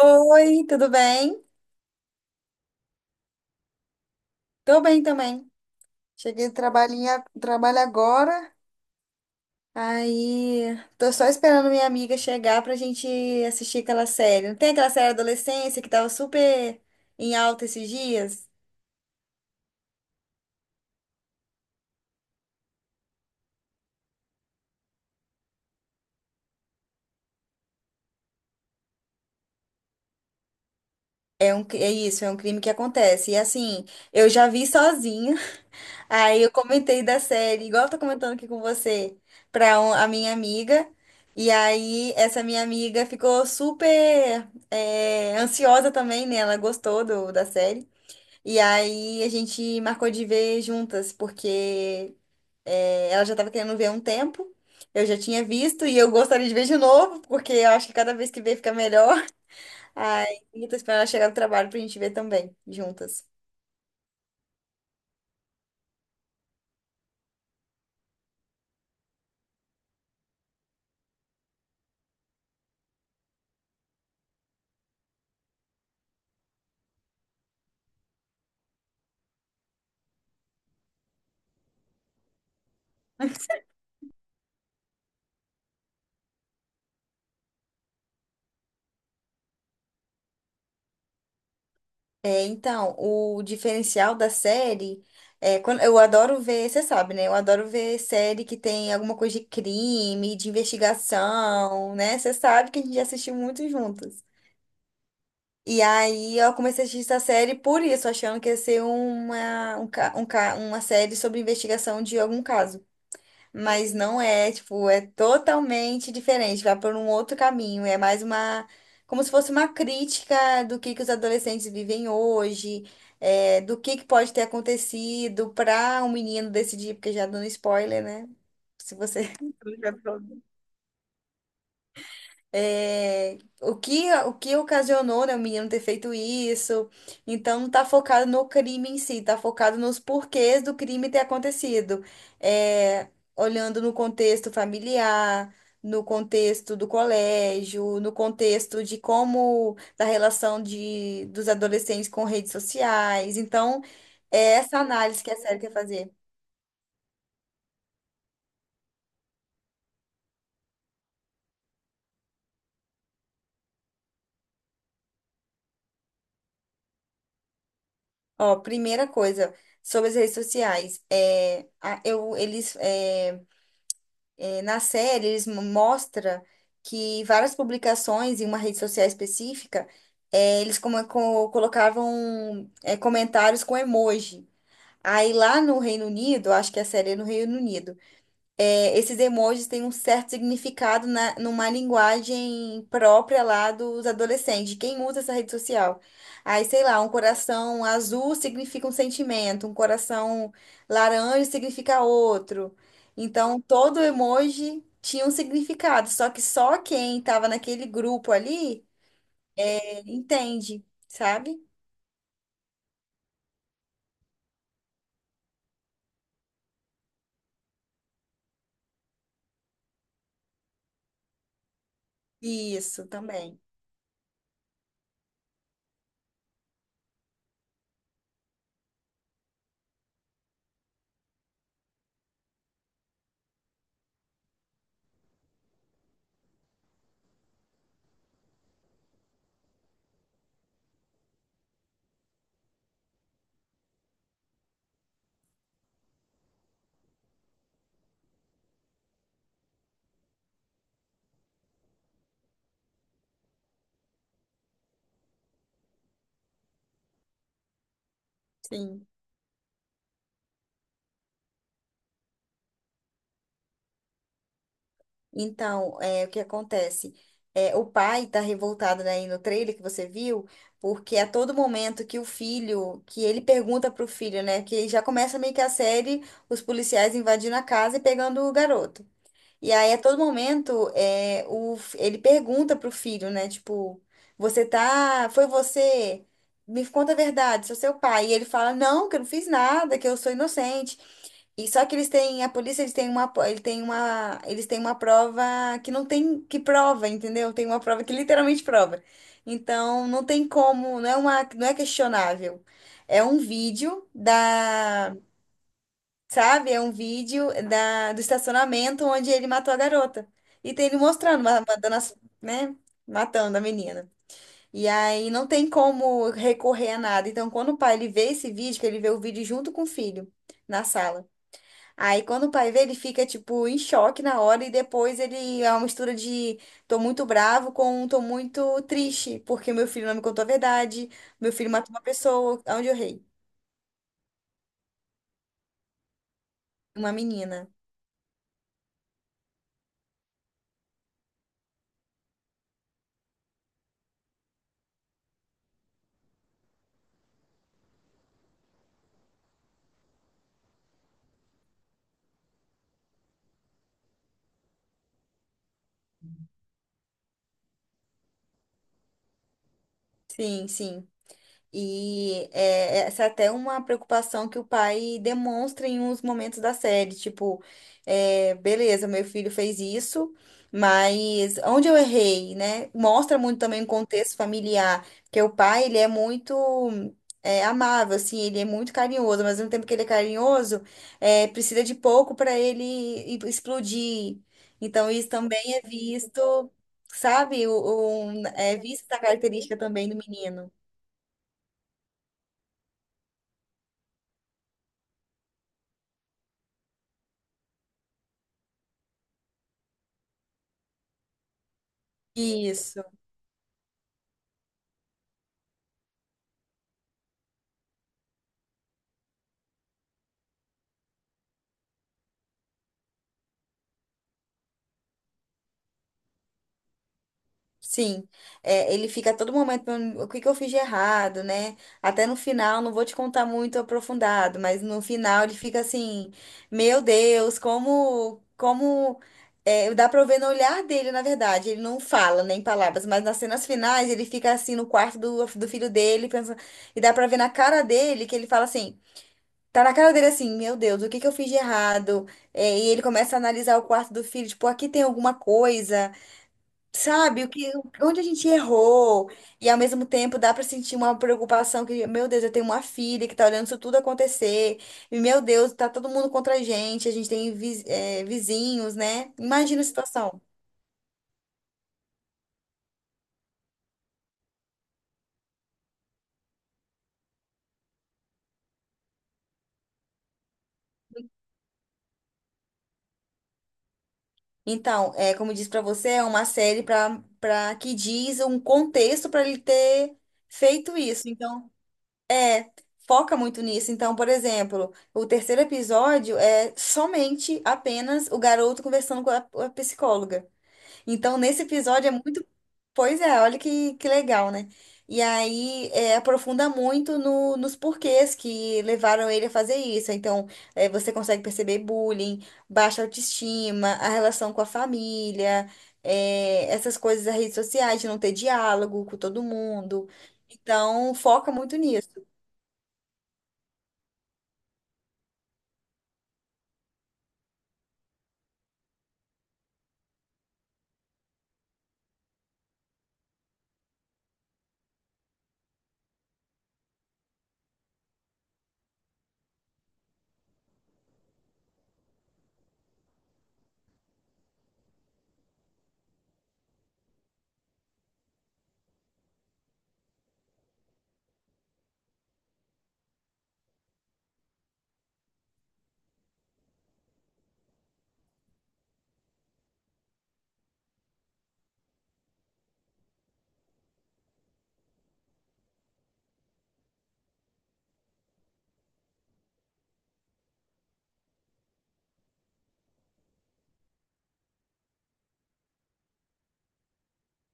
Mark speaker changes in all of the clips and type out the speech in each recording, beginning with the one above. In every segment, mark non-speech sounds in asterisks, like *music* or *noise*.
Speaker 1: Oi, tudo bem? Tô bem também. Cheguei do trabalhinho, trabalho agora, aí tô só esperando minha amiga chegar pra gente assistir aquela série. Não tem aquela série Adolescência que tava super em alta esses dias? É isso, é um crime que acontece. E assim, eu já vi sozinha. Aí eu comentei da série, igual eu tô comentando aqui com você, pra a minha amiga. E aí essa minha amiga ficou super ansiosa também, né? Ela gostou da série. E aí a gente marcou de ver juntas, porque é, ela já tava querendo ver há um tempo. Eu já tinha visto e eu gostaria de ver de novo, porque eu acho que cada vez que vê fica melhor. *laughs* Aí eu tô esperando ela chegar do trabalho pra gente ver também, juntas. É, então, o diferencial da série é quando eu adoro ver, você sabe, né? Eu adoro ver série que tem alguma coisa de crime, de investigação, né? Você sabe que a gente já assistiu muito juntas. E aí eu comecei a assistir essa série por isso, achando que ia ser uma, um, ca- uma série sobre investigação de algum caso, mas não é, tipo, é totalmente diferente, vai por um outro caminho, é mais uma, como se fosse uma crítica do que os adolescentes vivem hoje, é, do que pode ter acontecido para um menino decidir, porque já dando spoiler, né? Se você *laughs* já falou é, o que ocasionou, né, o menino ter feito isso. Então, não tá focado no crime em si, tá focado nos porquês do crime ter acontecido. É, olhando no contexto familiar, no contexto do colégio, no contexto de como, da relação dos adolescentes com redes sociais. Então, é essa análise que a série quer fazer. Ó, primeira coisa. Sobre as redes sociais, eles, na série, eles mostra que várias publicações em uma rede social específica, eles colocavam comentários com emoji. Aí lá no Reino Unido, acho que é a série é no Reino Unido, é, esses emojis têm um certo significado numa linguagem própria lá dos adolescentes, de quem usa essa rede social. Aí, sei lá, um coração azul significa um sentimento, um coração laranja significa outro. Então, todo emoji tinha um significado, só que só quem estava naquele grupo ali entende, sabe? Isso também. Sim. Então, é, o que acontece? É, o pai tá revoltado, né, aí no trailer que você viu, porque a todo momento que ele pergunta pro filho, né, que já começa meio que a série, os policiais invadindo a casa e pegando o garoto. E aí, a todo momento, ele pergunta pro filho, né, tipo, foi você, me conta a verdade, sou seu pai. E ele fala, não, que eu não fiz nada, que eu sou inocente. E só que a polícia, eles têm uma prova que não tem, que prova, entendeu? Tem uma prova que literalmente prova. Então, não tem como, não é uma, não é questionável. É um vídeo da, sabe? É um vídeo da, do estacionamento onde ele matou a garota. E tem ele mandando as, né? Matando a menina. E aí não tem como recorrer a nada. Então, quando o pai ele vê esse vídeo, que ele vê o vídeo junto com o filho na sala. Aí quando o pai vê, ele fica tipo em choque na hora e depois ele é uma mistura de tô muito bravo com um tô muito triste, porque meu filho não me contou a verdade, meu filho matou uma pessoa, onde eu errei? Uma menina. Sim, sim. E é, essa é até uma preocupação que o pai demonstra em uns momentos da série, tipo, é, beleza, meu filho fez isso, mas onde eu errei, né? Mostra muito também o contexto familiar, que o pai, ele é muito é, amável, assim, ele é muito carinhoso, mas ao mesmo tempo que ele é carinhoso, é, precisa de pouco para ele explodir. Então isso também é visto, sabe? É vista essa característica também do menino. Isso. Sim, é, ele fica a todo momento, perguntando, o que que eu fiz de errado, né? Até no final, não vou te contar muito aprofundado, mas no final ele fica assim, meu Deus, como, é, dá pra eu ver no olhar dele, na verdade, ele não fala nem palavras, mas nas cenas finais ele fica assim no quarto do filho dele, pensando, e dá pra ver na cara dele que ele fala assim, tá na cara dele assim, meu Deus, o que que eu fiz de errado? É, e ele começa a analisar o quarto do filho, tipo, aqui tem alguma coisa. Sabe, o que, onde a gente errou, e ao mesmo tempo dá para sentir uma preocupação que, meu Deus, eu tenho uma filha que tá olhando isso tudo acontecer, e meu Deus, tá todo mundo contra a gente tem vizinhos, né? Imagina a situação. Então, é, como eu disse para você, é uma série para que diz um contexto para ele ter feito isso. Então, é, foca muito nisso. Então, por exemplo, o terceiro episódio é somente apenas o garoto conversando com a psicóloga. Então, nesse episódio é muito. Pois é, olha que legal, né? E aí é, aprofunda muito no, nos porquês que levaram ele a fazer isso. Então, é, você consegue perceber bullying, baixa autoestima, a relação com a família, é, essas coisas das redes sociais, de não ter diálogo com todo mundo. Então, foca muito nisso.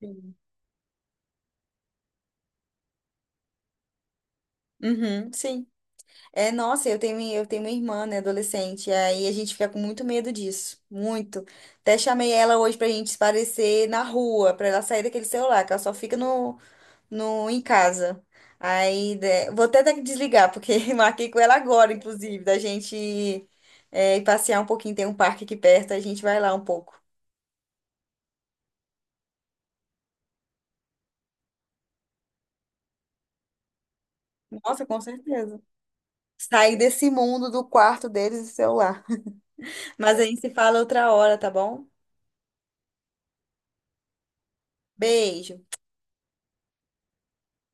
Speaker 1: Sim. Uhum, sim. É, nossa, eu tenho uma irmã, né, adolescente, e aí a gente fica com muito medo disso, muito. Até chamei ela hoje pra gente se parecer na rua, pra ela sair daquele celular, que ela só fica no, no, em casa. Aí, né, vou até ter que desligar, porque *laughs* marquei com ela agora, inclusive, da gente é, ir passear um pouquinho, tem um parque aqui perto, a gente vai lá um pouco. Nossa, com certeza. Sair desse mundo do quarto deles e celular. *laughs* Mas a gente se fala outra hora, tá bom? Beijo.